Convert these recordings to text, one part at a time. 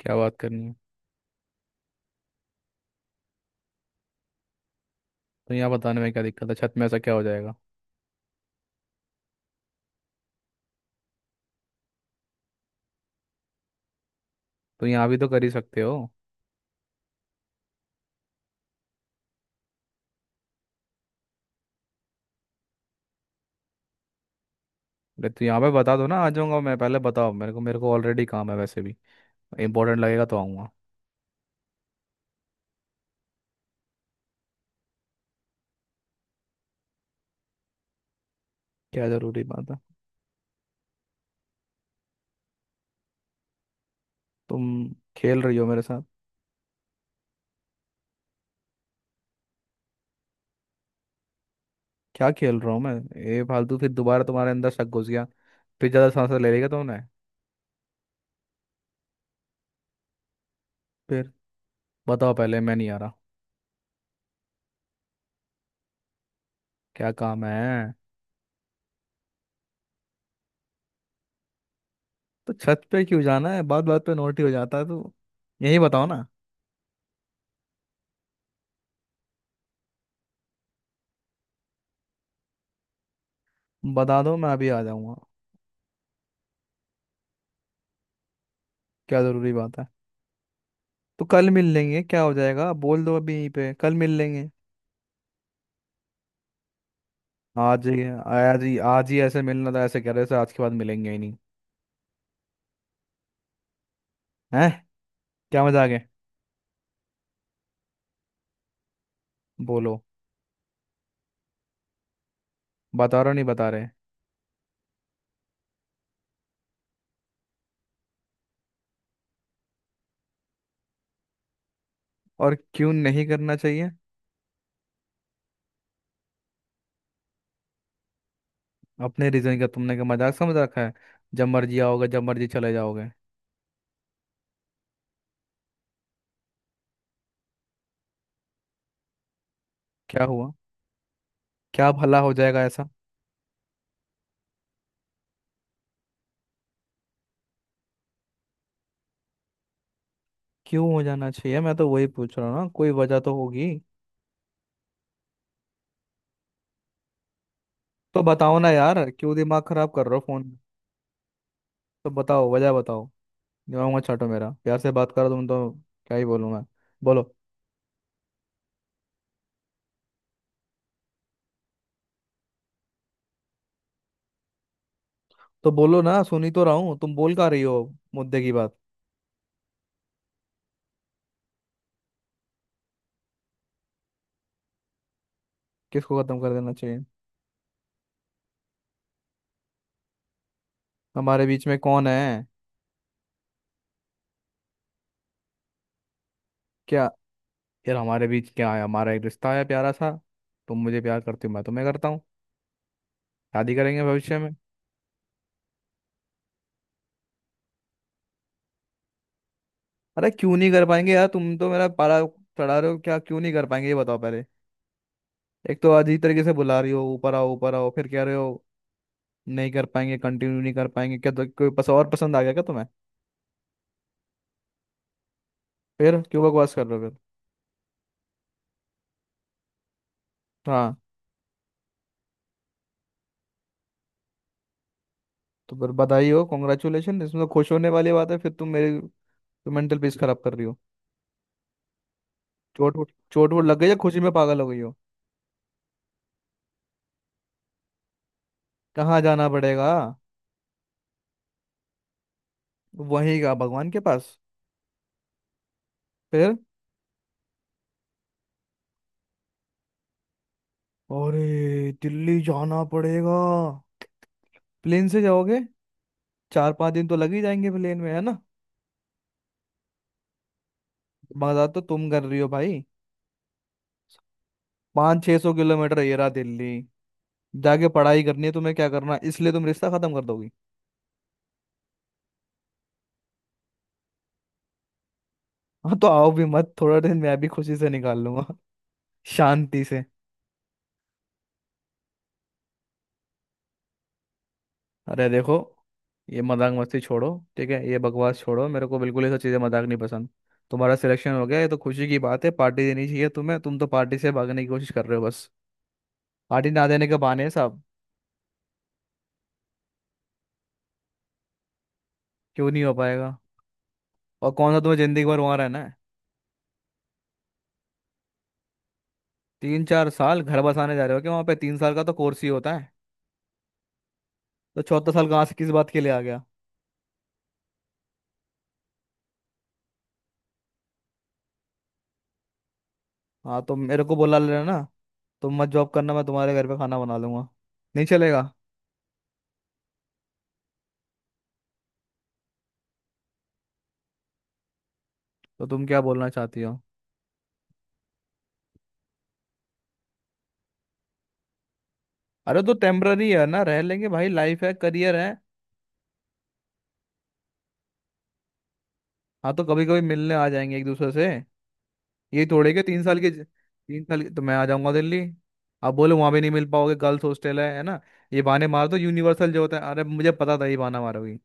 क्या बात करनी है। तो यहाँ बताने में क्या दिक्कत है, छत में ऐसा क्या हो जाएगा। तो यहाँ भी तो कर ही सकते हो। अरे तो यहाँ पे बता दो ना, आ जाऊंगा मैं। पहले बताओ मेरे को ऑलरेडी काम है वैसे भी। इंपॉर्टेंट लगेगा तो आऊँगा। क्या ज़रूरी बात है। तुम खेल रही हो मेरे साथ? क्या खेल रहा हूँ मैं? ये फालतू फिर दोबारा तुम्हारे अंदर शक घुस गया। फिर ज़्यादा सांस ले लेगा तुमने। फिर बताओ पहले, मैं नहीं आ रहा। क्या काम है। तो छत पे क्यों जाना है, बात बात पे नोट ही हो जाता है तो। यही बताओ ना। बता दो मैं अभी आ जाऊँगा। क्या ज़रूरी बात है। तो कल मिल लेंगे, क्या हो जाएगा, बोल दो अभी यहीं पे, कल मिल लेंगे। आज ही आज ही आज ही ऐसे मिलना था, ऐसे कह रहे थे आज के बाद मिलेंगे ही नहीं। हैं? क्या मजा आ गया। बोलो। बता रहे हो नहीं बता रहे। और क्यों नहीं करना चाहिए। अपने रीजन का तुमने क्या मजाक समझ रखा है। जब मर्जी आओगे जब मर्जी चले जाओगे। क्या हुआ? क्या भला हो जाएगा ऐसा। क्यों हो जाना चाहिए, मैं तो वही पूछ रहा हूँ ना, कोई वजह तो होगी। तो बताओ ना यार, क्यों दिमाग खराब कर रहे हो फोन। तो बताओ, वजह बताओ। दिमाग मत चाटो मेरा, प्यार से बात करो तुम तो। क्या ही बोलूँ मैं। बोलो। तो बोलो ना, सुनी तो रहा हूँ, तुम बोल का रही हो मुद्दे की बात। किसको खत्म कर देना चाहिए। हमारे बीच में कौन है। क्या? यार हमारे बीच क्या है, हमारा एक रिश्ता है प्यारा सा। तुम मुझे प्यार करती हो, मैं तुम्हें करता हूँ। शादी करेंगे भविष्य में। अरे क्यों नहीं कर पाएंगे यार, तुम तो मेरा पारा चढ़ा रहे हो क्या। क्यों नहीं कर पाएंगे ये बताओ पहले। एक तो अजीब तरीके से बुला रही हो, ऊपर आओ ऊपर आओ, फिर कह रहे हो नहीं कर पाएंगे, कंटिन्यू नहीं कर पाएंगे। क्या तो कोई पस और पसंद आ गया क्या तुम्हें। फिर क्यों बकवास कर रहे हो फिर। हाँ तो फिर बधाई हो, कॉन्ग्रेचुलेशन, इसमें तो खुश होने वाली बात है, फिर तुम मेरी तो मेंटल पीस खराब कर रही हो। चोट वोट लग गई या खुशी में पागल हो गई हो। कहाँ जाना पड़ेगा। वहीं का भगवान के पास? फिर? अरे दिल्ली जाना पड़ेगा। प्लेन से जाओगे? चार पांच दिन तो लग ही जाएंगे प्लेन में, है ना। मजा तो तुम कर रही हो भाई। पाँच छह सौ किलोमीटर ये रहा दिल्ली। जाके पढ़ाई करनी है तुम्हें, क्या करना है, इसलिए तुम रिश्ता खत्म कर दोगी। हाँ तो आओ भी मत, थोड़ा दिन मैं भी खुशी से निकाल लूंगा शांति से। अरे देखो, ये मजाक मस्ती छोड़ो। ठीक है, ये बकवास छोड़ो, मेरे को बिल्कुल ये सब चीज़ें मजाक नहीं पसंद। तुम्हारा सिलेक्शन हो गया, ये तो खुशी की बात है, पार्टी देनी चाहिए तुम्हें, तुम तो पार्टी से भागने की कोशिश कर रहे हो बस। पार्टी ना देने के बहाने हैं साहब। क्यों नहीं हो पाएगा। और कौन सा तुम्हें जिंदगी भर वहाँ रहना है। तीन चार साल घर बसाने जा रहे हो क्या वहाँ पे, तीन साल का तो कोर्स ही होता है। तो चौथा साल कहाँ से किस बात के लिए आ गया। हाँ तो मेरे को बुला लेना ना। तुम मत जॉब करना, मैं तुम्हारे घर पे खाना बना लूंगा। नहीं चलेगा? तो तुम क्या बोलना चाहती हो। अरे तो टेम्पररी है ना, रह लेंगे भाई, लाइफ है, करियर है। हाँ तो कभी कभी मिलने आ जाएंगे एक दूसरे से। ये थोड़े के तीन साल के, तीन साल के तो मैं आ जाऊंगा दिल्ली। आप बोलो वहां भी नहीं मिल पाओगे, गर्ल्स हॉस्टल है ना। ये बहाने मार दो यूनिवर्सल जो होता है, अरे मुझे पता था ये बहाना मारोगी।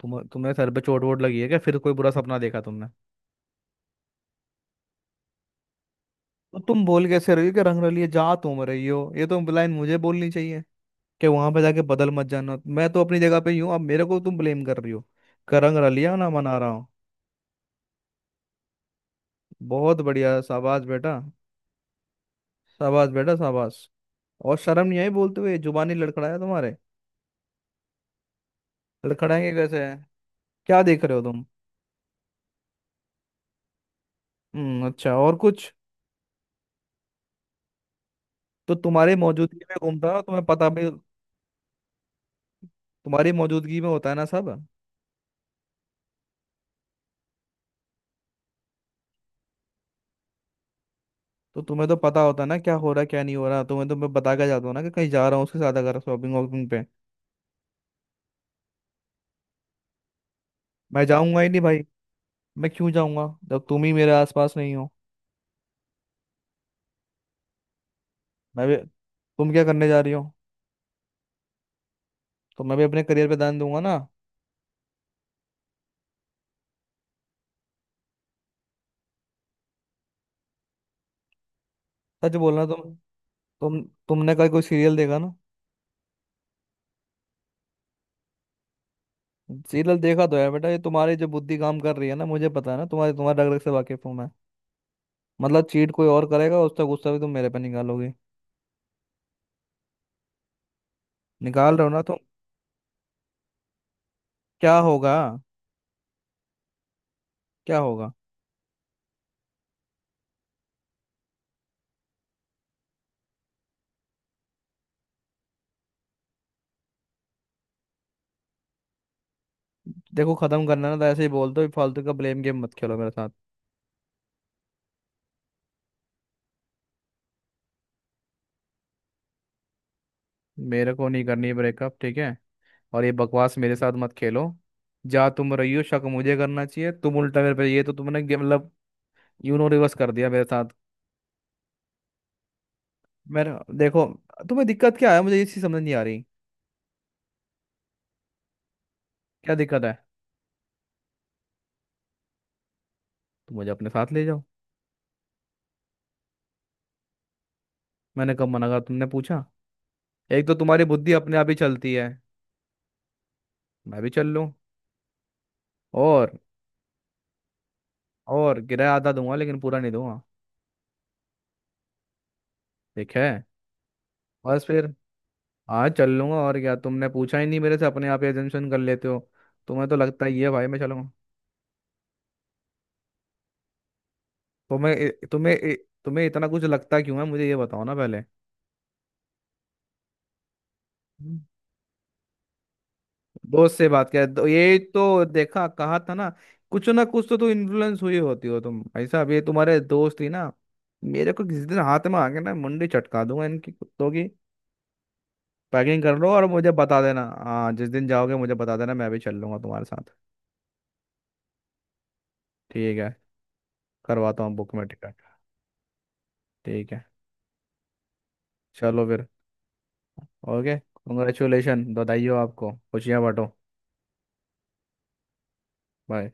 तुम, तुम्हें सर पे चोट वोट लगी है क्या, फिर कोई बुरा सपना देखा तुमने? तो तुम बोल कैसे रही हो कि रंग रलिए जा तुम रही हो, ये तो लाइन मुझे बोलनी चाहिए कि वहां पे जाके बदल मत जाना, मैं तो अपनी जगह पे ही हूँ, अब मेरे को तुम ब्लेम कर रही हो कि रंग रलिया ना मना रहा हूँ। बहुत बढ़िया, शाबाश बेटा। शाबाश बेटा, शाबाश। और शर्म नहीं आई बोलते हुए, जुबानी लड़खड़ाया तुम्हारे। लड़खड़ाएंगे कैसे है। क्या देख रहे हो तुम। हम्म, अच्छा, और कुछ। तो तुम्हारी मौजूदगी में घूमता है, तुम्हें पता भी। तुम्हारी मौजूदगी में होता है ना सब। तो तुम्हें तो पता होता है ना क्या हो रहा है क्या नहीं हो रहा, तुम्हें तो मैं बता के जाता हूँ ना कि कहीं जा रहा हूँ उसके साथ अगर शॉपिंग वॉपिंग पे। मैं जाऊंगा ही नहीं भाई। मैं क्यों जाऊंगा जब तुम ही मेरे आसपास नहीं हो। मैं भी, तुम क्या करने जा रही हो। तो मैं भी अपने करियर पे ध्यान दूंगा ना। सच बोलना तुम। तुम तुमने कल कोई सीरियल देखा ना। सीरियल देखा तो है बेटा, ये तुम्हारी जो बुद्धि काम कर रही है ना, मुझे पता है ना, तुम्हारे तुम्हारे रग रग से वाकिफ हूँ मैं। मतलब चीट कोई और करेगा, उसका गुस्सा भी तुम मेरे पे निकालोगे। निकाल रहे हो ना तो। क्या होगा। क्या होगा। देखो खत्म करना है ना तो ऐसे ही बोल दो, फालतू का ब्लेम गेम मत खेलो मेरे साथ। मेरे को नहीं करनी ब्रेकअप, ठीक है। और ये बकवास मेरे साथ मत खेलो। जा तुम रही हो, शक मुझे करना चाहिए, तुम उल्टा मेरे पे, ये तो तुमने गे- मतलब यूनो रिवर्स कर दिया मेरे साथ। मेरे देखो, तुम्हें दिक्कत क्या है, मुझे ये चीज समझ नहीं आ रही। क्या दिक्कत है। तुम मुझे अपने साथ ले जाओ। मैंने कब मना कहा, तुमने पूछा? एक तो तुम्हारी बुद्धि अपने आप ही चलती है। मैं भी चल लूँ। और और किराया आधा दूंगा लेकिन पूरा नहीं दूंगा। ठीक है। बस फिर। आज चल लूंगा, और क्या, तुमने पूछा ही नहीं मेरे से, अपने आप एजम्पशन कर लेते हो। तुम्हें तो लगता ही है भाई मैं चलूंगा। तुम्हें तुम्हें तुम्हें इतना कुछ लगता क्यों है मुझे, ये बताओ ना पहले। हम्म। दोस्त से बात कर तो ये तो देखा कहा था ना, कुछ ना कुछ तो तू इन्फ्लुएंस हुई होती हो तुम ऐसा, अब ये तुम्हारे दोस्त ही ना मेरे को किसी दिन हाथ में आके ना, मुंडी चटका दूंगा इनकी, कुत्तों की। पैकिंग कर लो और मुझे बता देना, हाँ, जिस दिन जाओगे मुझे बता देना, मैं भी चल लूँगा तुम्हारे साथ। ठीक है, करवाता हूँ बुक में टिकट। ठीक है, चलो फिर। ओके। कंग्रेचुलेशन, बधाई हो आपको, खुशियाँ बांटो। बाय।